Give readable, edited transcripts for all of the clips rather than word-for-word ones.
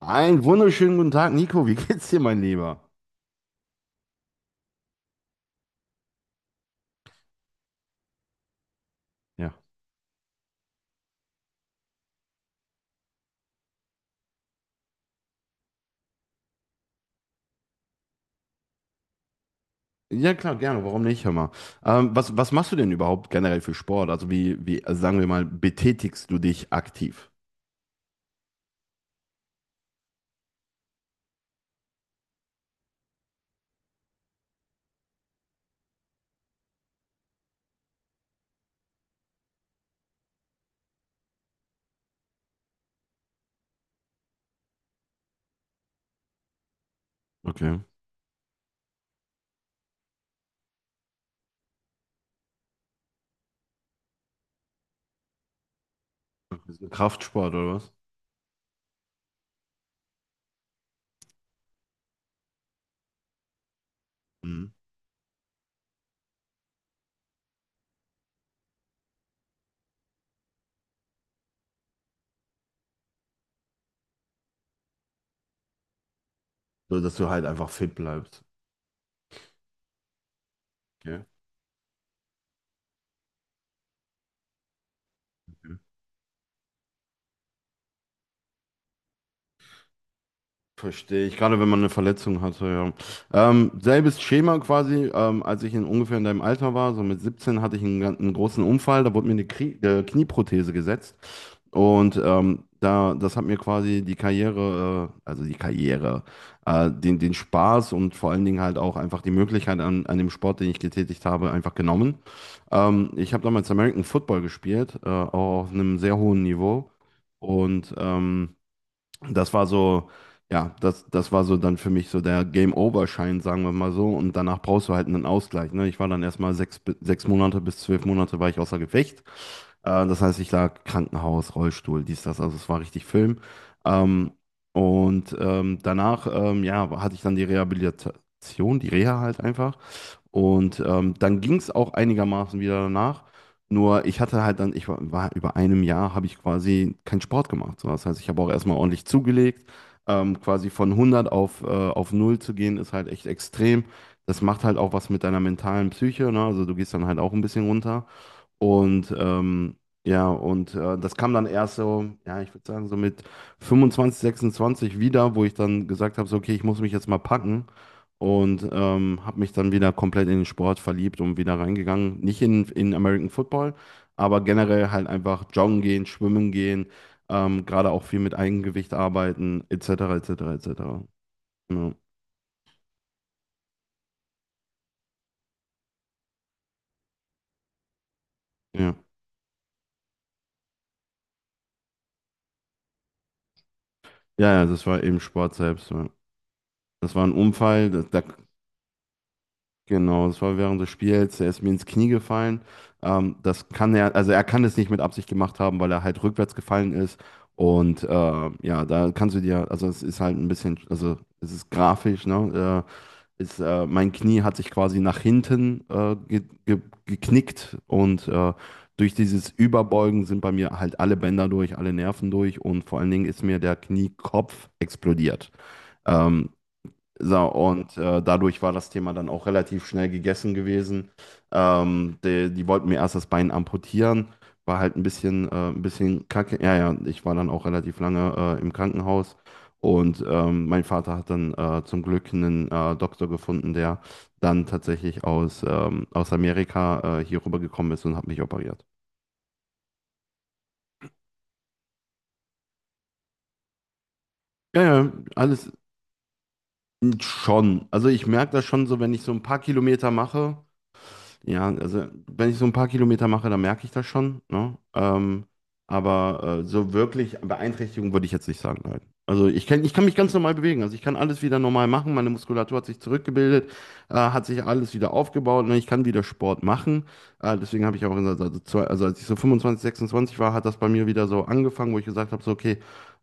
Einen wunderschönen guten Tag, Nico. Wie geht's dir, mein Lieber? Ja. Ja, klar, gerne. Warum nicht? Hör mal. Was machst du denn überhaupt generell für Sport? Also sagen wir mal, betätigst du dich aktiv? Okay. So Kraftsport oder was? Mhm. So, dass du halt einfach fit bleibst. Okay. Verstehe ich, gerade wenn man eine Verletzung hatte, ja. Selbes Schema quasi, als ich ungefähr in deinem Alter war, so mit 17 hatte ich einen großen Unfall, da wurde mir eine Krie Knieprothese gesetzt und da, das hat mir quasi die Karriere, also die Karriere, den, den Spaß und vor allen Dingen halt auch einfach die Möglichkeit an dem Sport, den ich getätigt habe, einfach genommen. Ich habe damals American Football gespielt, auch auf einem sehr hohen Niveau und das war so, ja, das war so dann für mich so der Game-Over-Schein, sagen wir mal so. Und danach brauchst du halt einen Ausgleich. Ne? Ich war dann erstmal sechs Monate bis zwölf Monate war ich außer Gefecht. Das heißt, ich lag Krankenhaus, Rollstuhl, dies, das. Also es war richtig Film. Ähm, Danach, ja, hatte ich dann die Rehabilitation, die Reha halt einfach. Und dann ging es auch einigermaßen wieder danach. Nur ich hatte halt dann, war über einem Jahr, habe ich quasi keinen Sport gemacht. So, das heißt, ich habe auch erstmal ordentlich zugelegt. Quasi von 100 auf null zu gehen, ist halt echt extrem. Das macht halt auch was mit deiner mentalen Psyche, ne? Also du gehst dann halt auch ein bisschen runter. Und das kam dann erst so, ja, ich würde sagen, so mit 25 26 wieder, wo ich dann gesagt habe, so, okay, ich muss mich jetzt mal packen. Und habe mich dann wieder komplett in den Sport verliebt und wieder reingegangen. Nicht in American Football, aber generell halt einfach joggen gehen, schwimmen gehen, gerade auch viel mit Eigengewicht arbeiten, etc., etc., etc. Ja, ja, ja, das war eben Sport selbst. Ja. Das war ein Unfall, da, da Genau, das war während des Spiels. Er ist mir ins Knie gefallen. Das kann er, also er kann es nicht mit Absicht gemacht haben, weil er halt rückwärts gefallen ist. Und ja, da kannst du dir, also es ist halt ein bisschen, also es ist grafisch, ne? Mein Knie hat sich quasi nach hinten ge ge geknickt und durch dieses Überbeugen sind bei mir halt alle Bänder durch, alle Nerven durch und vor allen Dingen ist mir der Kniekopf explodiert. Ähm, so, und dadurch war das Thema dann auch relativ schnell gegessen gewesen. Die, die wollten mir erst das Bein amputieren, war halt ein bisschen kacke. Ja, ja, ich war dann auch relativ lange im Krankenhaus und mein Vater hat dann zum Glück einen Doktor gefunden, der dann tatsächlich aus Amerika hier rübergekommen ist und hat mich operiert. Ja, ja, alles schon. Also ich merke das schon so, wenn ich so ein paar Kilometer mache. Ja, also wenn ich so ein paar Kilometer mache, dann merke ich das schon, ne? Aber so wirklich Beeinträchtigung würde ich jetzt nicht sagen, nein. Also ich kann mich ganz normal bewegen. Also ich kann alles wieder normal machen. Meine Muskulatur hat sich zurückgebildet, hat sich alles wieder aufgebaut. Ne? Ich kann wieder Sport machen. Deswegen habe ich auch gesagt, also als ich so 25 26 war, hat das bei mir wieder so angefangen, wo ich gesagt habe, so okay,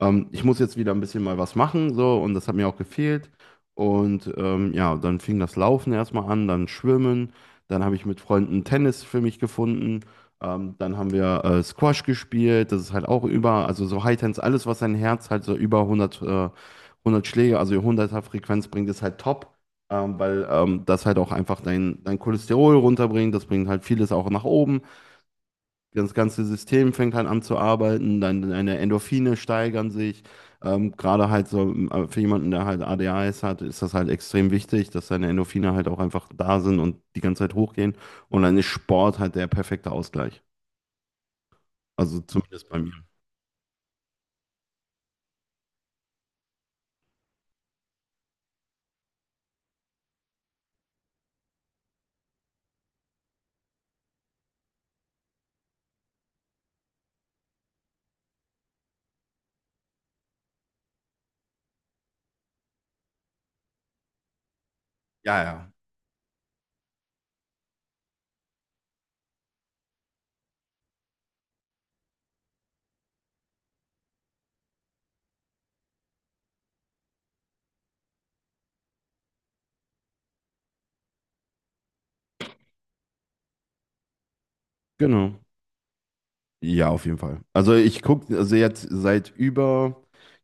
ich muss jetzt wieder ein bisschen mal was machen. So, und das hat mir auch gefehlt. Und ja, dann fing das Laufen erstmal an, dann Schwimmen. Dann habe ich mit Freunden Tennis für mich gefunden. Dann haben wir Squash gespielt. Das ist halt auch über, also so Hightens, alles, was dein Herz halt so über 100 Schläge, also 100er Frequenz bringt, ist halt top. Weil das halt auch einfach dein, dein Cholesterol runterbringt. Das bringt halt vieles auch nach oben, das ganze System fängt halt an zu arbeiten, deine, deine Endorphine steigern sich. Gerade halt so für jemanden, der halt ADHS hat, ist das halt extrem wichtig, dass seine Endorphine halt auch einfach da sind und die ganze Zeit hochgehen. Und dann ist Sport halt der perfekte Ausgleich. Also zumindest bei mir. Ja, ja. Genau. Ja, auf jeden Fall. Also jetzt seit über,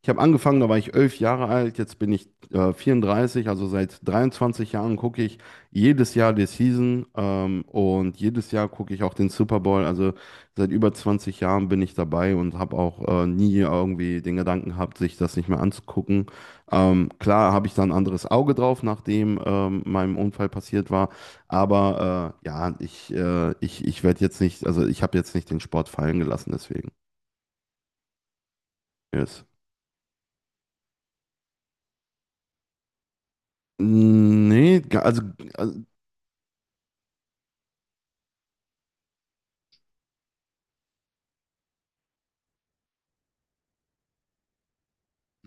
ich habe angefangen, da war ich 11 Jahre alt, jetzt bin ich 34, also seit 23 Jahren gucke ich jedes Jahr die Season, und jedes Jahr gucke ich auch den Super Bowl. Also seit über 20 Jahren bin ich dabei und habe auch nie irgendwie den Gedanken gehabt, sich das nicht mehr anzugucken. Klar habe ich da ein anderes Auge drauf, nachdem meinem Unfall passiert war. Aber ich werde jetzt nicht, also ich habe jetzt nicht den Sport fallen gelassen, deswegen. Yes. Nee, also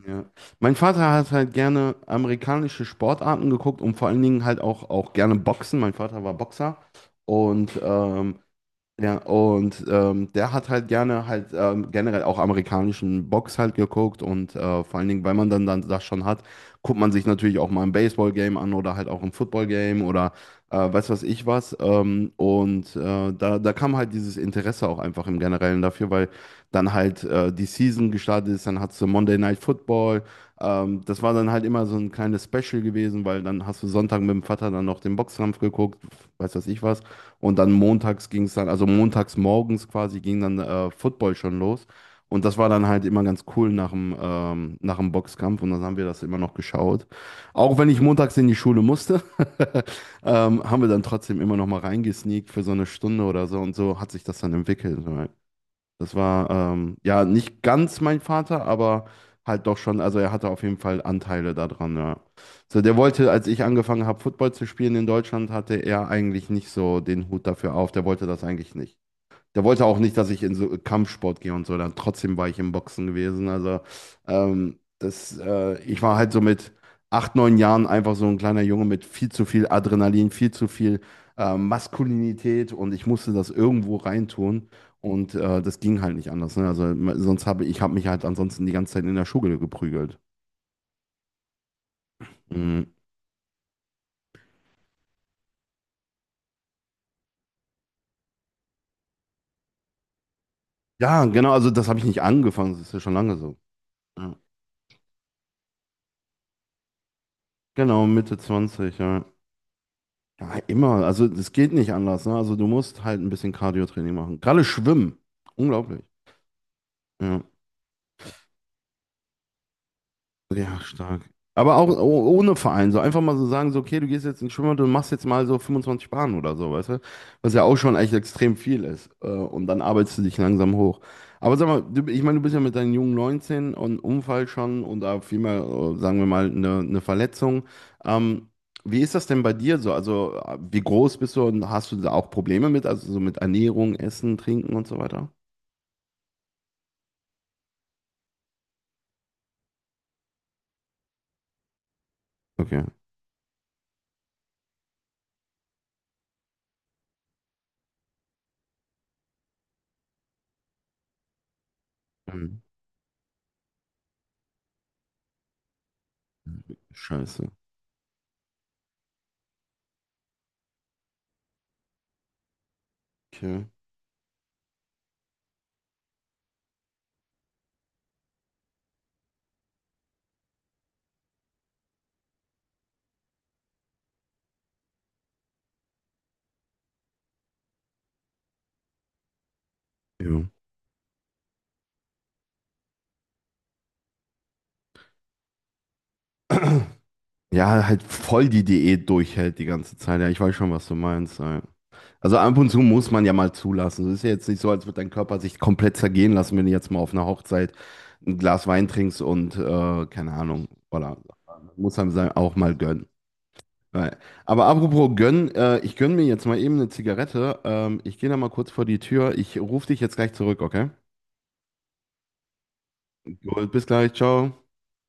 ja. Mein Vater hat halt gerne amerikanische Sportarten geguckt und vor allen Dingen auch gerne Boxen. Mein Vater war Boxer und ja, und der hat halt gerne halt generell auch amerikanischen Box halt geguckt und vor allen Dingen, weil man dann das schon hat, guckt man sich natürlich auch mal ein Baseball-Game an oder halt auch ein Football-Game oder weiß was ich was. Da kam halt dieses Interesse auch einfach im Generellen dafür, weil dann halt die Season gestartet ist, dann hast du Monday Night Football. Das war dann halt immer so ein kleines Special gewesen, weil dann hast du Sonntag mit dem Vater dann noch den Boxkampf geguckt, weiß was ich was. Und dann montags ging es dann, also montags morgens quasi ging dann Football schon los. Und das war dann halt immer ganz cool nach dem Boxkampf und dann haben wir das immer noch geschaut. Auch wenn ich montags in die Schule musste, haben wir dann trotzdem immer noch mal reingesneakt für so eine Stunde oder so und so hat sich das dann entwickelt. Das war ja nicht ganz mein Vater, aber halt doch schon. Also er hatte auf jeden Fall Anteile daran. Ja. So, der wollte, als ich angefangen habe, Football zu spielen in Deutschland, hatte er eigentlich nicht so den Hut dafür auf. Der wollte das eigentlich nicht. Der wollte auch nicht, dass ich in so Kampfsport gehe und so. Dann trotzdem war ich im Boxen gewesen. Also ich war halt so mit acht, neun Jahren einfach so ein kleiner Junge mit viel zu viel Adrenalin, viel zu viel Maskulinität und ich musste das irgendwo reintun. Und das ging halt nicht anders. Ne? Sonst habe ich habe mich halt ansonsten die ganze Zeit in der Schule geprügelt. Mhm. Ja, genau. Also das habe ich nicht angefangen. Das ist ja schon lange so. Ja. Genau, Mitte 20. Ja. Ja, immer. Also das geht nicht anders. Ne? Also du musst halt ein bisschen Cardio-Training machen. Gerade Schwimmen. Unglaublich. Ja. Ja, stark. Aber auch ohne Verein, so einfach mal so sagen, so, okay, du gehst jetzt ins Schwimmbad und machst jetzt mal so 25 Bahnen oder so, weißt du? Was ja auch schon echt extrem viel ist. Und dann arbeitest du dich langsam hoch. Aber sag mal, du, ich meine, du bist ja mit deinen jungen 19 und Unfall schon und da vielmehr, sagen wir mal, eine Verletzung. Ähm, Wie ist das denn bei dir so? Also, wie groß bist du und hast du da auch Probleme mit? Also, so mit Ernährung, Essen, Trinken und so weiter? Okay. Ähm, Scheiße. Okay. Ja. Ja, halt voll die Diät durchhält die ganze Zeit. Ja, ich weiß schon, was du meinst. Ja. Also ab und zu muss man ja mal zulassen. Es ist ja jetzt nicht so, als würde dein Körper sich komplett zergehen lassen, wenn du jetzt mal auf einer Hochzeit ein Glas Wein trinkst und keine Ahnung. Oder muss einem sein, auch mal gönnen. Ja. Aber apropos gönnen, ich gönne mir jetzt mal eben eine Zigarette. Ich gehe da mal kurz vor die Tür. Ich rufe dich jetzt gleich zurück, okay? Gut, bis gleich, ciao.